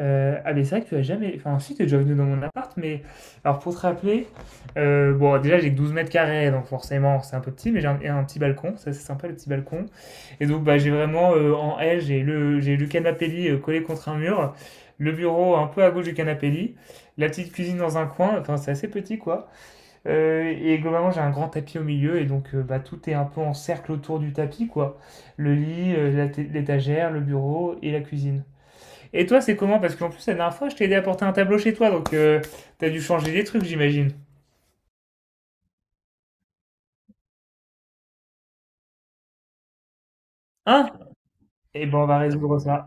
Ah, mais c'est vrai que tu as jamais. Enfin, si, tu es déjà venu dans mon appart, mais. Alors, pour te rappeler, bon, déjà, j'ai que 12 mètres carrés, donc forcément, c'est un peu petit, mais j'ai un petit balcon, ça, c'est sympa, le petit balcon. Et donc, bah, j'ai vraiment, en L, j'ai le canapé lit collé contre un mur, le bureau un peu à gauche du canapé lit, la petite cuisine dans un coin, enfin, c'est assez petit, quoi. Et globalement, j'ai un grand tapis au milieu, et donc, bah, tout est un peu en cercle autour du tapis, quoi. Le lit, l'étagère, le bureau et la cuisine. Et toi, c'est comment? Parce qu'en plus, la dernière fois, je t'ai aidé à porter un tableau chez toi, donc t'as dû changer des trucs, j'imagine. Hein? Eh ben, on va résoudre ça.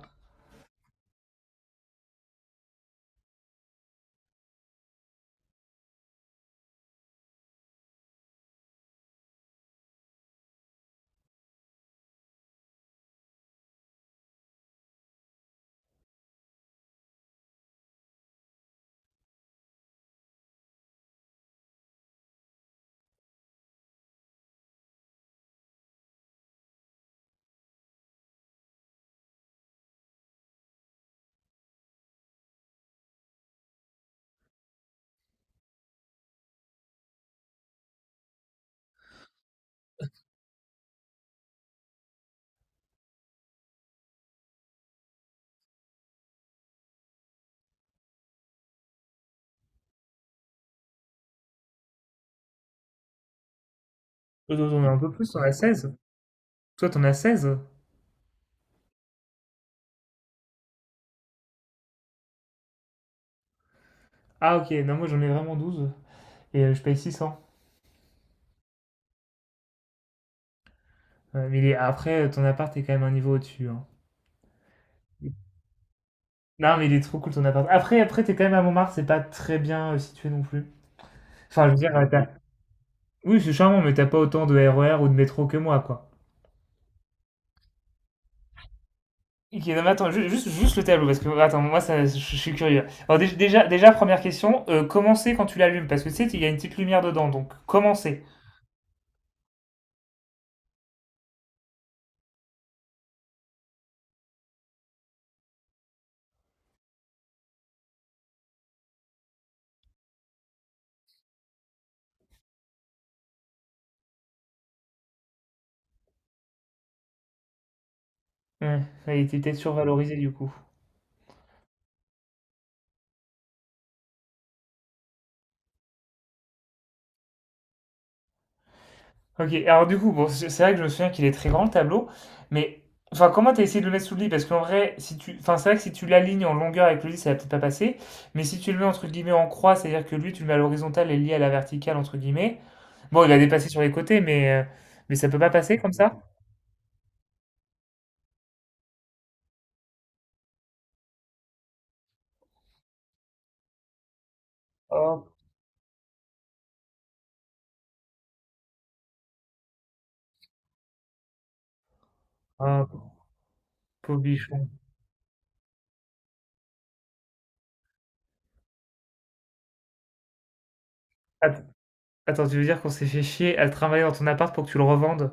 Toi, t'en as un peu plus, on a 16. Toi, t'en as 16. Ah, ok, non, moi, j'en ai vraiment 12. Et je paye 600. Ouais, mais après, ton appart est quand même un niveau au-dessus, hein. Non, mais il est trop cool, ton appart. Après, t'es quand même à Montmartre, c'est pas très bien situé non plus. Enfin, je veux dire, oui, c'est charmant, mais t'as pas autant de RER ou de métro que moi, quoi. Ok, non, mais attends, juste le tableau, parce que attends, moi ça, je suis curieux. Alors, déjà, première question, comment c'est quand tu l'allumes? Parce que tu sais, il y a une petite lumière dedans, donc comment c'est? Ouais, ouais, il était peut-être survalorisé du coup. Ok, alors du coup, bon, c'est vrai que je me souviens qu'il est très grand le tableau, mais enfin, comment t'as essayé de le mettre sous le lit? Parce qu'en vrai, si tu, enfin, c'est vrai que si tu l'alignes en longueur avec le lit, ça va peut-être pas passer, mais si tu le mets entre guillemets en croix, c'est-à-dire que lui, tu le mets à l'horizontale et lié à la verticale, entre guillemets, bon, il va dépasser sur les côtés, mais ça peut pas passer comme ça? Oh, un pauvre bichon. Att attends, tu veux dire qu'on s'est fait chier à travailler dans ton appart pour que tu le revendes?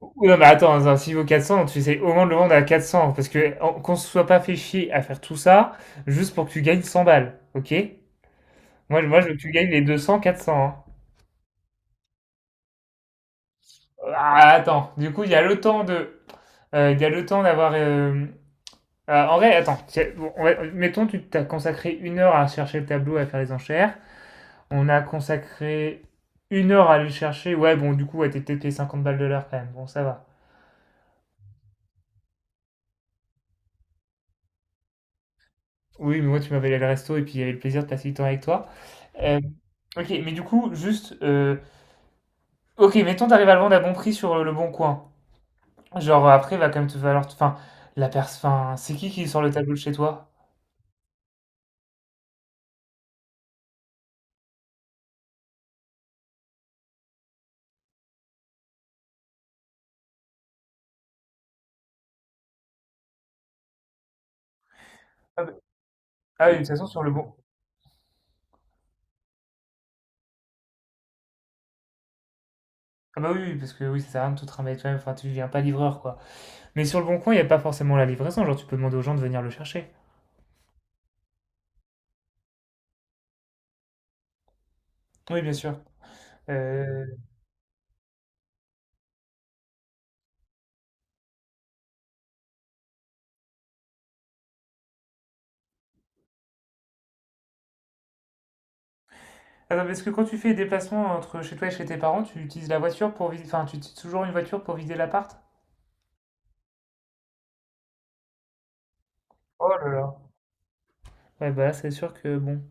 Ou non, mais attends, s'il vaut 400, tu essaies au moins de le vendre à 400, parce que qu'on se soit pas fait chier à faire tout ça, juste pour que tu gagnes 100 balles, ok? Moi, je veux que tu gagnes les 200, 400, hein. Ah, attends, du coup, il y a le temps d'avoir... en vrai, attends, bon, mettons, tu t'as consacré une heure à chercher le tableau, à faire les enchères. On a consacré une heure à aller le chercher. Ouais, bon, du coup, ouais, t'es peut-être payé 50 balles de l'heure quand même. Bon, ça va. Oui, mais moi, tu m'avais allé le resto et puis il y avait le plaisir de passer du temps avec toi. Euh, ok, mais du coup, juste. Ok, mettons, t'arrives à le vendre à bon prix sur le bon coin. Genre, après, va quand même te falloir. Enfin, la personne. Enfin, c'est qui est sur le tableau de chez toi? Ah, ah oui, de toute façon, sur le bon. Ah bah oui, oui, parce que oui, ça sert à rien de tout trimballer toi-même. Enfin, tu viens pas livreur, quoi. Mais sur le bon coin, il n'y a pas forcément la livraison. Genre, tu peux demander aux gens de venir le chercher. Oui, bien sûr. Euh... Ah non, parce que quand tu fais des déplacements entre chez toi et chez tes parents, tu utilises la voiture pour vider. Enfin, tu utilises toujours une voiture pour vider l'appart? Oh là là. Ouais, bah là, c'est sûr que bon.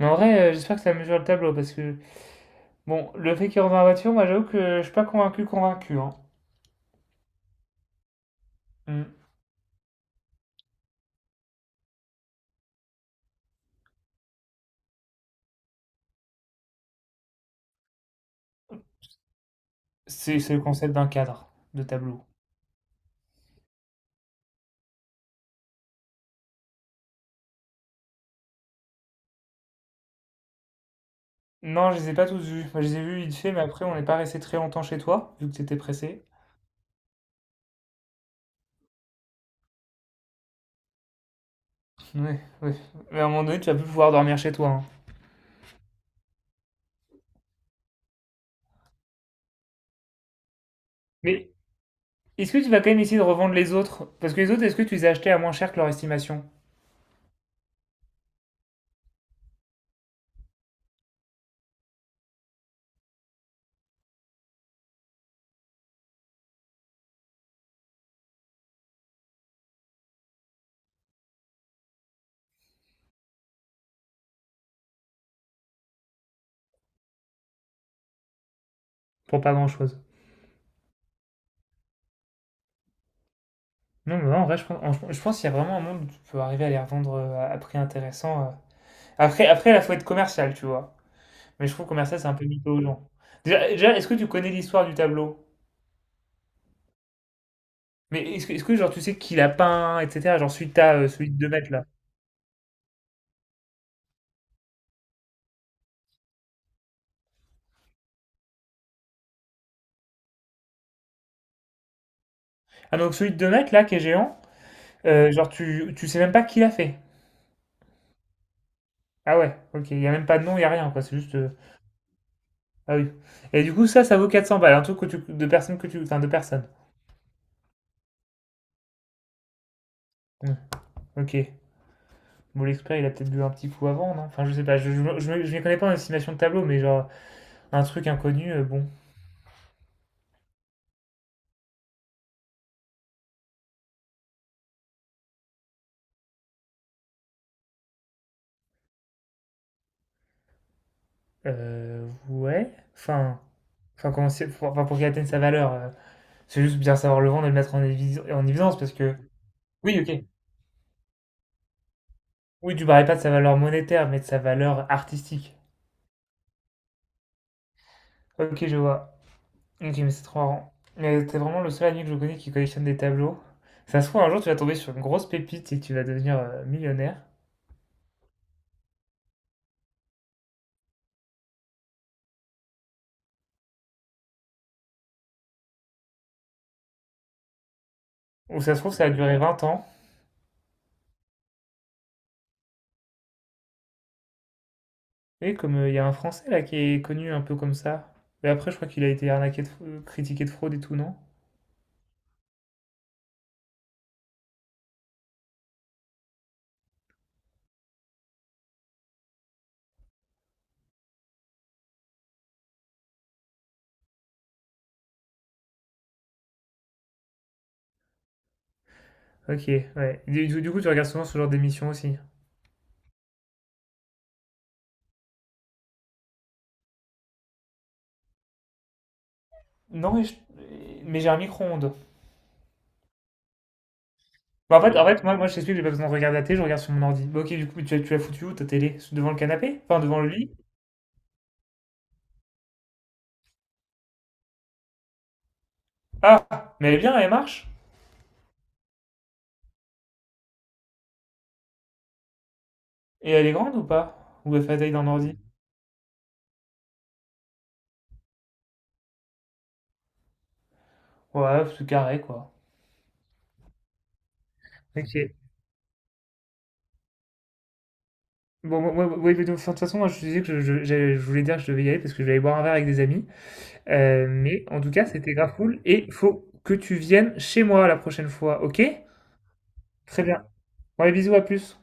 Mais en vrai, j'espère que ça mesure le tableau parce que, bon, le fait qu'il rentre dans la voiture, moi j'avoue que je suis pas convaincu, convaincu, hein. Mm. C'est le concept d'un cadre de tableau. Non, je les ai pas tous vus. Moi, je les ai vus vite fait, mais après, on n'est pas resté très longtemps chez toi, vu que t'étais pressé. Ouais, ouais. Mais à un moment donné, tu vas plus pouvoir dormir chez toi, hein. Mais est-ce que tu vas quand même essayer de revendre les autres? Parce que les autres, est-ce que tu les as achetés à moins cher que leur estimation? Pour pas grand-chose. Non, mais en vrai, je pense qu'il y a vraiment un monde où tu peux arriver à les revendre à prix intéressant. Après, là, faut être commercial, tu vois. Mais je trouve commercial, c'est un peu mytho aux gens. Déjà, est-ce que tu connais l'histoire du tableau? Mais est-ce que genre, tu sais qui l'a peint, etc. Genre, celui que t'as, celui de 2 mètres, là. Ah, donc, celui de 2 mètres, là, qui est géant, genre, tu sais même pas qui l'a fait. Ah ouais, ok. Il y a même pas de nom, il y a rien, quoi. C'est juste. Ah oui. Et du coup, ça vaut 400 balles. Un truc que tu, de personnes que tu, enfin, de personnes. Hmm, ok. Bon, l'expert, il a peut-être bu un petit coup avant, non? Enfin, je sais pas. Je m'y connais pas en estimation de tableau, mais genre, un truc inconnu, bon. Ouais. Enfin. Comment pour, enfin, pour qu'il atteigne sa valeur. C'est juste bien savoir le vendre et le mettre en évidence parce que. Oui, ok. Oui, tu parlais pas de sa valeur monétaire, mais de sa valeur artistique. Ok, je vois. Ok, mais c'est trop marrant. Mais t'es vraiment le seul ami que je connais qui collectionne des tableaux. Ça se trouve, un jour, tu vas tomber sur une grosse pépite et tu vas devenir millionnaire. Ou ça se trouve, ça a duré 20 ans. Et comme il y a un Français là qui est connu un peu comme ça. Mais après, je crois qu'il a été arnaqué de, critiqué de fraude et tout, non? Ok, ouais. Du coup, tu regardes souvent ce genre d'émission aussi. Non, mais mais j'ai un micro-ondes. Bah, en fait, moi je t'explique, j'ai pas besoin de regarder la télé, je regarde sur mon ordi. Bah, ok, du coup, mais tu l'as foutue où ta télé? Devant le canapé? Enfin, devant le lit? Ah! Mais elle est bien, elle marche? Et elle est grande ou pas? Ou elle fait la taille d'un ordi? Ouais, c'est carré, quoi. Ok. Bon, moi, de toute façon, moi, je te disais que je voulais dire que je devais y aller parce que je vais aller boire un verre avec des amis. Mais en tout cas, c'était grave cool et faut que tu viennes chez moi la prochaine fois, ok? Très bien. Bon, allez, bisous, à plus.